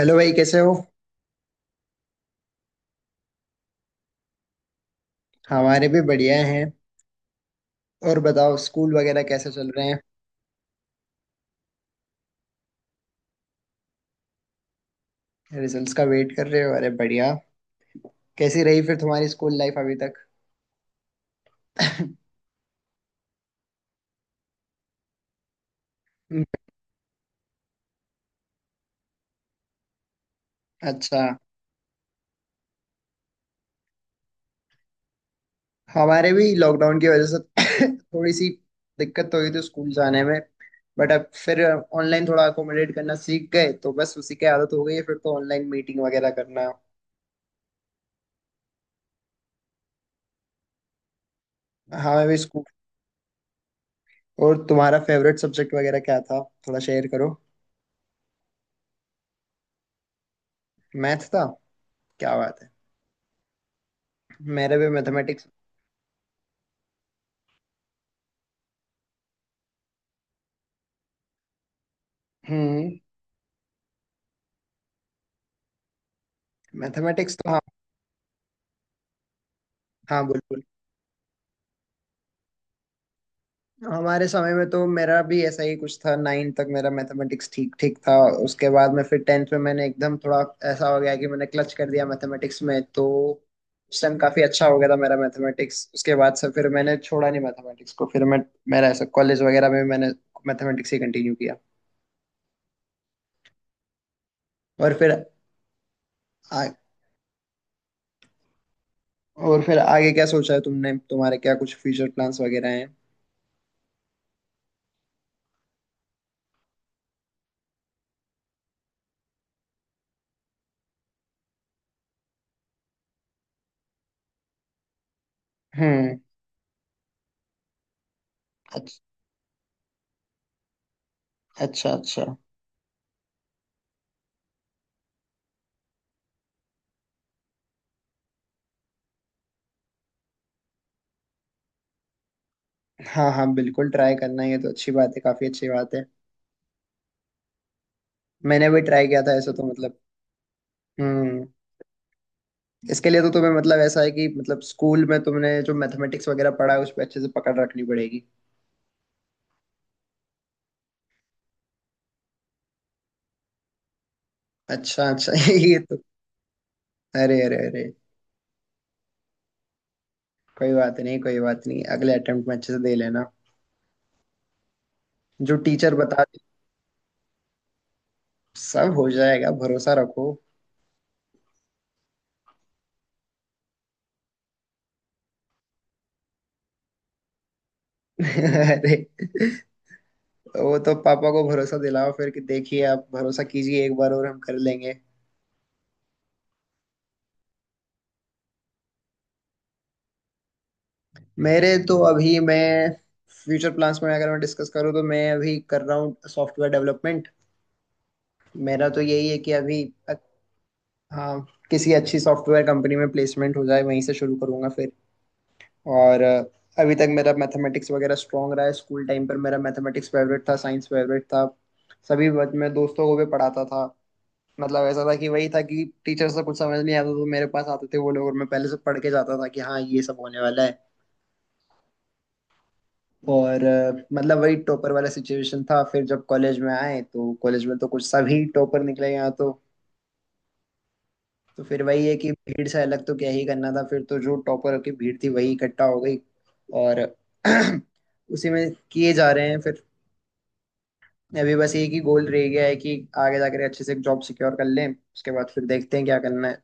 Hello भाई कैसे हो। हमारे भी बढ़िया हैं। और बताओ स्कूल वगैरह कैसे चल रहे हैं। रिजल्ट्स का वेट कर रहे हो, अरे बढ़िया। कैसी रही फिर तुम्हारी स्कूल लाइफ अभी तक। हम्म, अच्छा। हमारे भी लॉकडाउन की वजह से थोड़ी सी दिक्कत तो हुई थी स्कूल जाने में। बट अब फिर ऑनलाइन थोड़ा अकोमोडेट करना सीख गए तो बस उसी की आदत हो गई है फिर तो ऑनलाइन मीटिंग वगैरह करना। हमें भी स्कूल। और तुम्हारा फेवरेट सब्जेक्ट वगैरह क्या था, थोड़ा शेयर करो। मैथ था, क्या बात है। मेरे भी मैथमेटिक्स। हम्म। मैथमेटिक्स तो हाँ, हाँ बिल्कुल। हमारे समय में तो मेरा भी ऐसा ही कुछ था, 9 तक मेरा मैथमेटिक्स ठीक ठीक था। उसके बाद में फिर 10th में मैंने एकदम थोड़ा ऐसा हो गया कि मैंने क्लच कर दिया मैथमेटिक्स में तो उस टाइम काफी अच्छा हो गया था मेरा मैथमेटिक्स। उसके बाद से फिर मैंने छोड़ा नहीं मैथमेटिक्स को फिर मैं मेरा ऐसा कॉलेज वगैरह में मैंने मैथमेटिक्स ही कंटिन्यू किया। और फिर आ, और फिर आगे क्या सोचा है तुमने, तुम्हारे क्या कुछ फ्यूचर प्लान्स वगैरह हैं। हम्म। अच्छा अच्छा अच्छा। हाँ हाँ बिल्कुल, ट्राई करना ये तो अच्छी बात है, काफी अच्छी बात है। मैंने भी ट्राई किया था ऐसा तो मतलब। हम्म। इसके लिए तो तुम्हें मतलब ऐसा है कि मतलब स्कूल में तुमने जो मैथमेटिक्स वगैरह पढ़ा है उस पर अच्छे से पकड़ रखनी पड़ेगी। अच्छा अच्छा ये तो। अरे अरे अरे, कोई बात नहीं कोई बात नहीं, अगले अटेम्प्ट में अच्छे से दे लेना, जो टीचर बता दे। सब हो जाएगा, भरोसा रखो। अरे, वो तो पापा को भरोसा दिलाओ फिर कि देखिए आप भरोसा कीजिए एक बार और हम कर लेंगे। मेरे तो अभी मैं फ्यूचर प्लान्स में अगर मैं डिस्कस करूँ तो मैं अभी कर रहा हूँ सॉफ्टवेयर डेवलपमेंट। मेरा तो यही है कि अभी अ- हाँ, किसी अच्छी सॉफ्टवेयर कंपनी में प्लेसमेंट हो जाए वहीं से शुरू करूँगा फिर। और अभी तक मेरा मैथमेटिक्स वगैरह स्ट्रांग रहा है, स्कूल टाइम पर मेरा मैथमेटिक्स फेवरेट था, साइंस फेवरेट था। सभी वक्त मैं दोस्तों को भी पढ़ाता था। मतलब ऐसा था कि वही था कि टीचर से कुछ समझ नहीं आता तो मेरे पास आते थे वो लोग और मैं पहले से पढ़ के जाता था कि हाँ ये सब होने वाला है। और मतलब वही टॉपर वाला सिचुएशन था। फिर जब कॉलेज में आए तो कॉलेज में तो कुछ सभी टॉपर निकले यहाँ तो। तो फिर वही है कि भीड़ से अलग तो क्या ही करना था, फिर तो जो टॉपर की भीड़ थी वही इकट्ठा हो गई। और उसी में किए जा रहे हैं फिर। अभी बस एक ही गोल रह गया है कि आगे जाकर अच्छे से एक जॉब सिक्योर कर लें, उसके बाद फिर देखते हैं क्या करना है।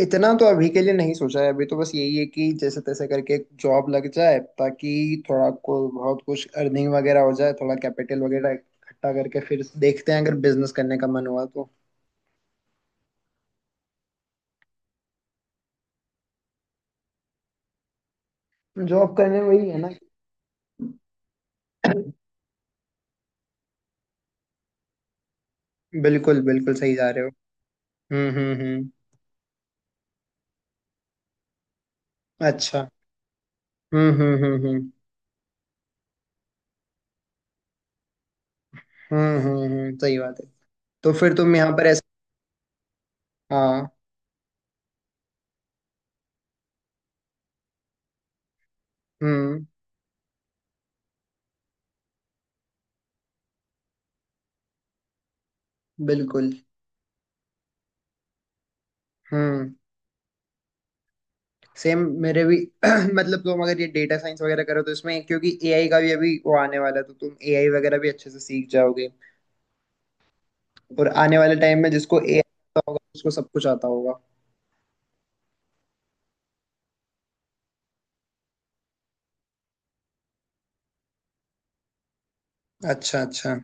इतना तो अभी के लिए नहीं सोचा है, अभी तो बस यही है कि जैसे तैसे करके एक जॉब लग जाए ताकि थोड़ा को बहुत कुछ अर्निंग वगैरह हो जाए, थोड़ा कैपिटल वगैरह इकट्ठा करके फिर देखते हैं अगर बिजनेस करने का मन हुआ तो। जॉब करने वही है ना। बिल्कुल बिल्कुल, सही जा रहे हो। हम्म। अच्छा। हम्म हम्म हम्म हम्म सही बात है। तो फिर तुम यहाँ पर ऐसा हाँ। हम्म बिल्कुल। हम्म। सेम मेरे भी। मतलब तुम अगर ये डेटा साइंस वगैरह करो तो इसमें क्योंकि एआई का भी अभी वो आने वाला है तो तुम एआई वगैरह भी अच्छे से सीख जाओगे। और आने वाले टाइम में जिसको एआई आता होगा उसको सब कुछ आता होगा। अच्छा अच्छा।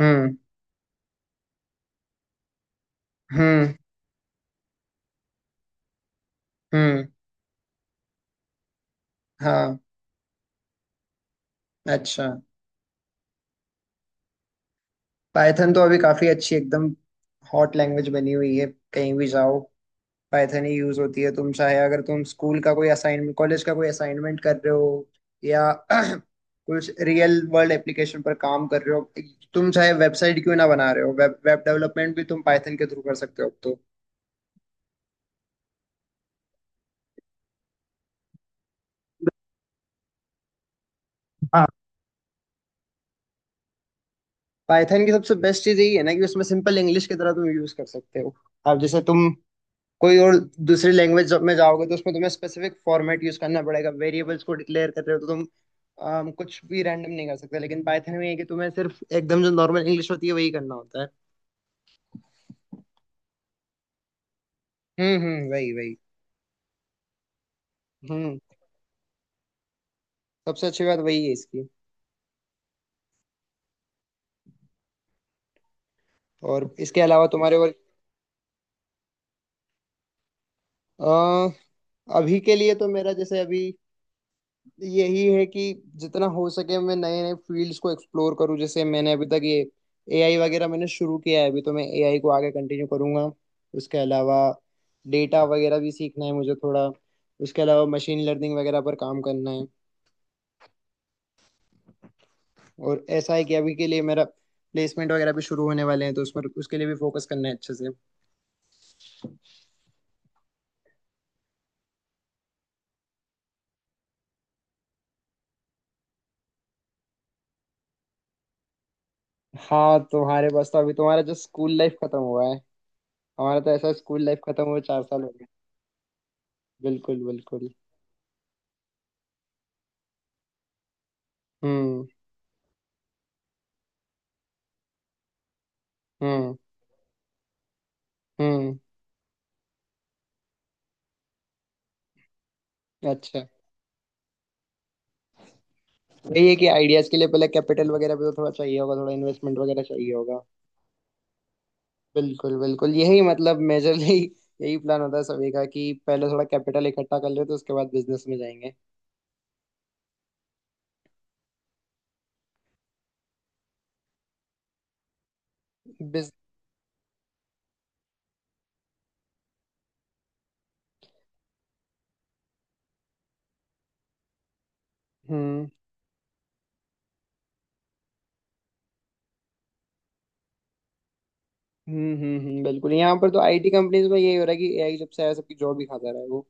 हम्म हम्म हम्म। हाँ। अच्छा। पाइथन तो अभी काफी अच्छी एकदम हॉट लैंग्वेज बनी हुई है, कहीं भी जाओ पाइथन ही यूज होती है। तुम चाहे अगर तुम स्कूल का कोई असाइनमेंट कॉलेज का कोई असाइनमेंट कर रहे हो या कुछ रियल वर्ल्ड एप्लीकेशन पर काम कर रहे हो, तुम चाहे वेबसाइट क्यों ना बना रहे हो, वेब वेब डेवलपमेंट भी तुम पाइथन के थ्रू कर सकते हो अब तो। हाँ। पाइथन की सबसे बेस्ट चीज यही है ना कि उसमें सिंपल इंग्लिश की तरह तुम यूज कर सकते हो। अब जैसे तुम कोई और दूसरी लैंग्वेज में जाओगे तो उसमें तुम्हें स्पेसिफिक फॉर्मेट यूज करना पड़ेगा, वेरिएबल्स को डिक्लेयर कर रहे हो तो तुम कुछ भी रैंडम नहीं कर सकते। लेकिन पाइथन में ये है कि तुम्हें सिर्फ एकदम जो नॉर्मल इंग्लिश होती है वही करना होता है। वही वही। हम्म। सबसे अच्छी बात वही है इसकी। और इसके अलावा तुम्हारे और अ, अभी के लिए तो मेरा जैसे अभी यही है कि जितना हो सके मैं नए नए फील्ड्स को एक्सप्लोर करूं। जैसे मैंने अभी तक ये एआई वगैरह मैंने शुरू किया है, अभी तो मैं एआई को आगे कंटिन्यू करूंगा। उसके अलावा डेटा वगैरह भी सीखना है मुझे थोड़ा, उसके अलावा मशीन लर्निंग वगैरह पर काम करना है। और ऐसा है कि अभी के लिए मेरा प्लेसमेंट वगैरह भी शुरू होने वाले हैं तो उस पर उसके लिए भी फोकस करना है अच्छे से। हाँ, तुम्हारे पास तो अभी तुम्हारा जो स्कूल लाइफ खत्म हुआ है, हमारा तो ऐसा स्कूल लाइफ खत्म हुए 4 साल हो गए। बिल्कुल बिल्कुल। हम्म हम्म हम्म। अच्छा, वही है कि आइडियाज के लिए पहले कैपिटल वगैरह भी तो थोड़ा चाहिए होगा, थोड़ा इन्वेस्टमेंट वगैरह चाहिए होगा। बिल्कुल बिल्कुल, यही मतलब मेजरली यही प्लान होता है सभी का कि पहले थोड़ा कैपिटल इकट्ठा कर लेते हैं उसके बाद बिजनेस में जाएंगे। बिज। हम्म बिल्कुल। यहाँ पर तो आईटी कंपनीज में यही हो रहा है कि एआई जब से आया सबकी जॉब ही खाता रहा है वो।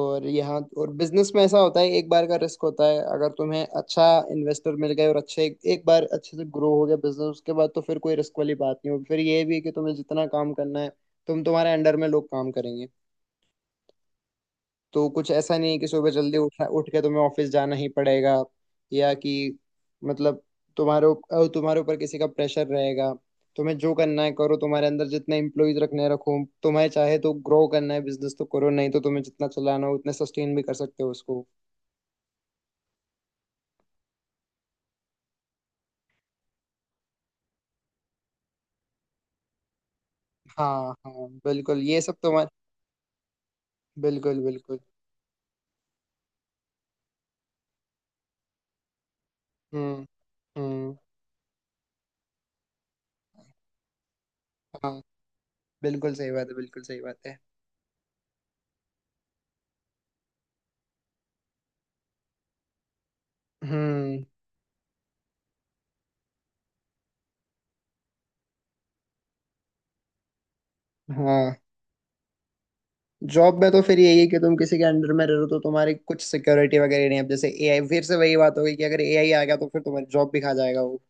और यहाँ और बिजनेस में ऐसा होता है, एक बार का रिस्क होता है। अगर तुम्हें अच्छा इन्वेस्टर मिल गए और अच्छे एक बार अच्छे से ग्रो हो गया बिजनेस, उसके बाद तो फिर कोई रिस्क वाली बात नहीं होगी। फिर ये भी है कि तुम्हें जितना काम करना है, तुम तुम्हारे अंडर में लोग काम करेंगे, तो कुछ ऐसा नहीं है कि सुबह जल्दी उठना उठ के तुम्हें ऑफिस जाना ही पड़ेगा। या कि मतलब तुम्हारे ऊपर किसी का प्रेशर रहेगा। तुम्हें जो करना है करो, तुम्हारे अंदर जितने एम्प्लॉयज रखने हैं रखो। तुम्हें चाहे तो ग्रो करना है बिजनेस तो करो, नहीं तो तुम्हें जितना चलाना हो उतने सस्टेन भी कर सकते हो उसको। हाँ हाँ बिल्कुल, ये सब तुम्हारे। बिल्कुल बिल्कुल। हम्म हम्म। हाँ बिल्कुल सही बात है, बिल्कुल सही बात है। हम्म। हाँ, जॉब में तो फिर यही है कि तुम किसी के अंडर में रह रहे हो तो तुम्हारी कुछ सिक्योरिटी वगैरह नहीं है। अब जैसे एआई फिर से वही बात हो गई कि अगर एआई आ गया तो फिर तुम्हारी जॉब भी खा जाएगा वो।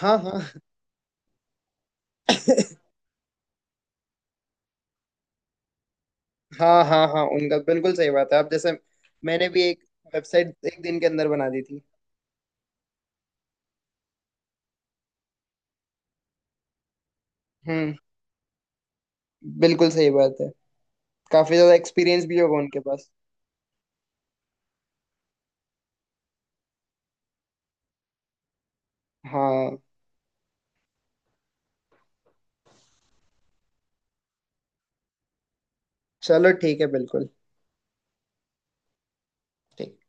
हाँ हाँ। हाँ हाँ हाँ, उनका बिल्कुल सही बात है। अब जैसे मैंने भी एक वेबसाइट एक दिन के अंदर बना दी थी। हम्म। बिल्कुल सही बात है, काफी ज्यादा एक्सपीरियंस भी होगा उनके पास। हाँ। चलो ठीक है, बिल्कुल ठीक।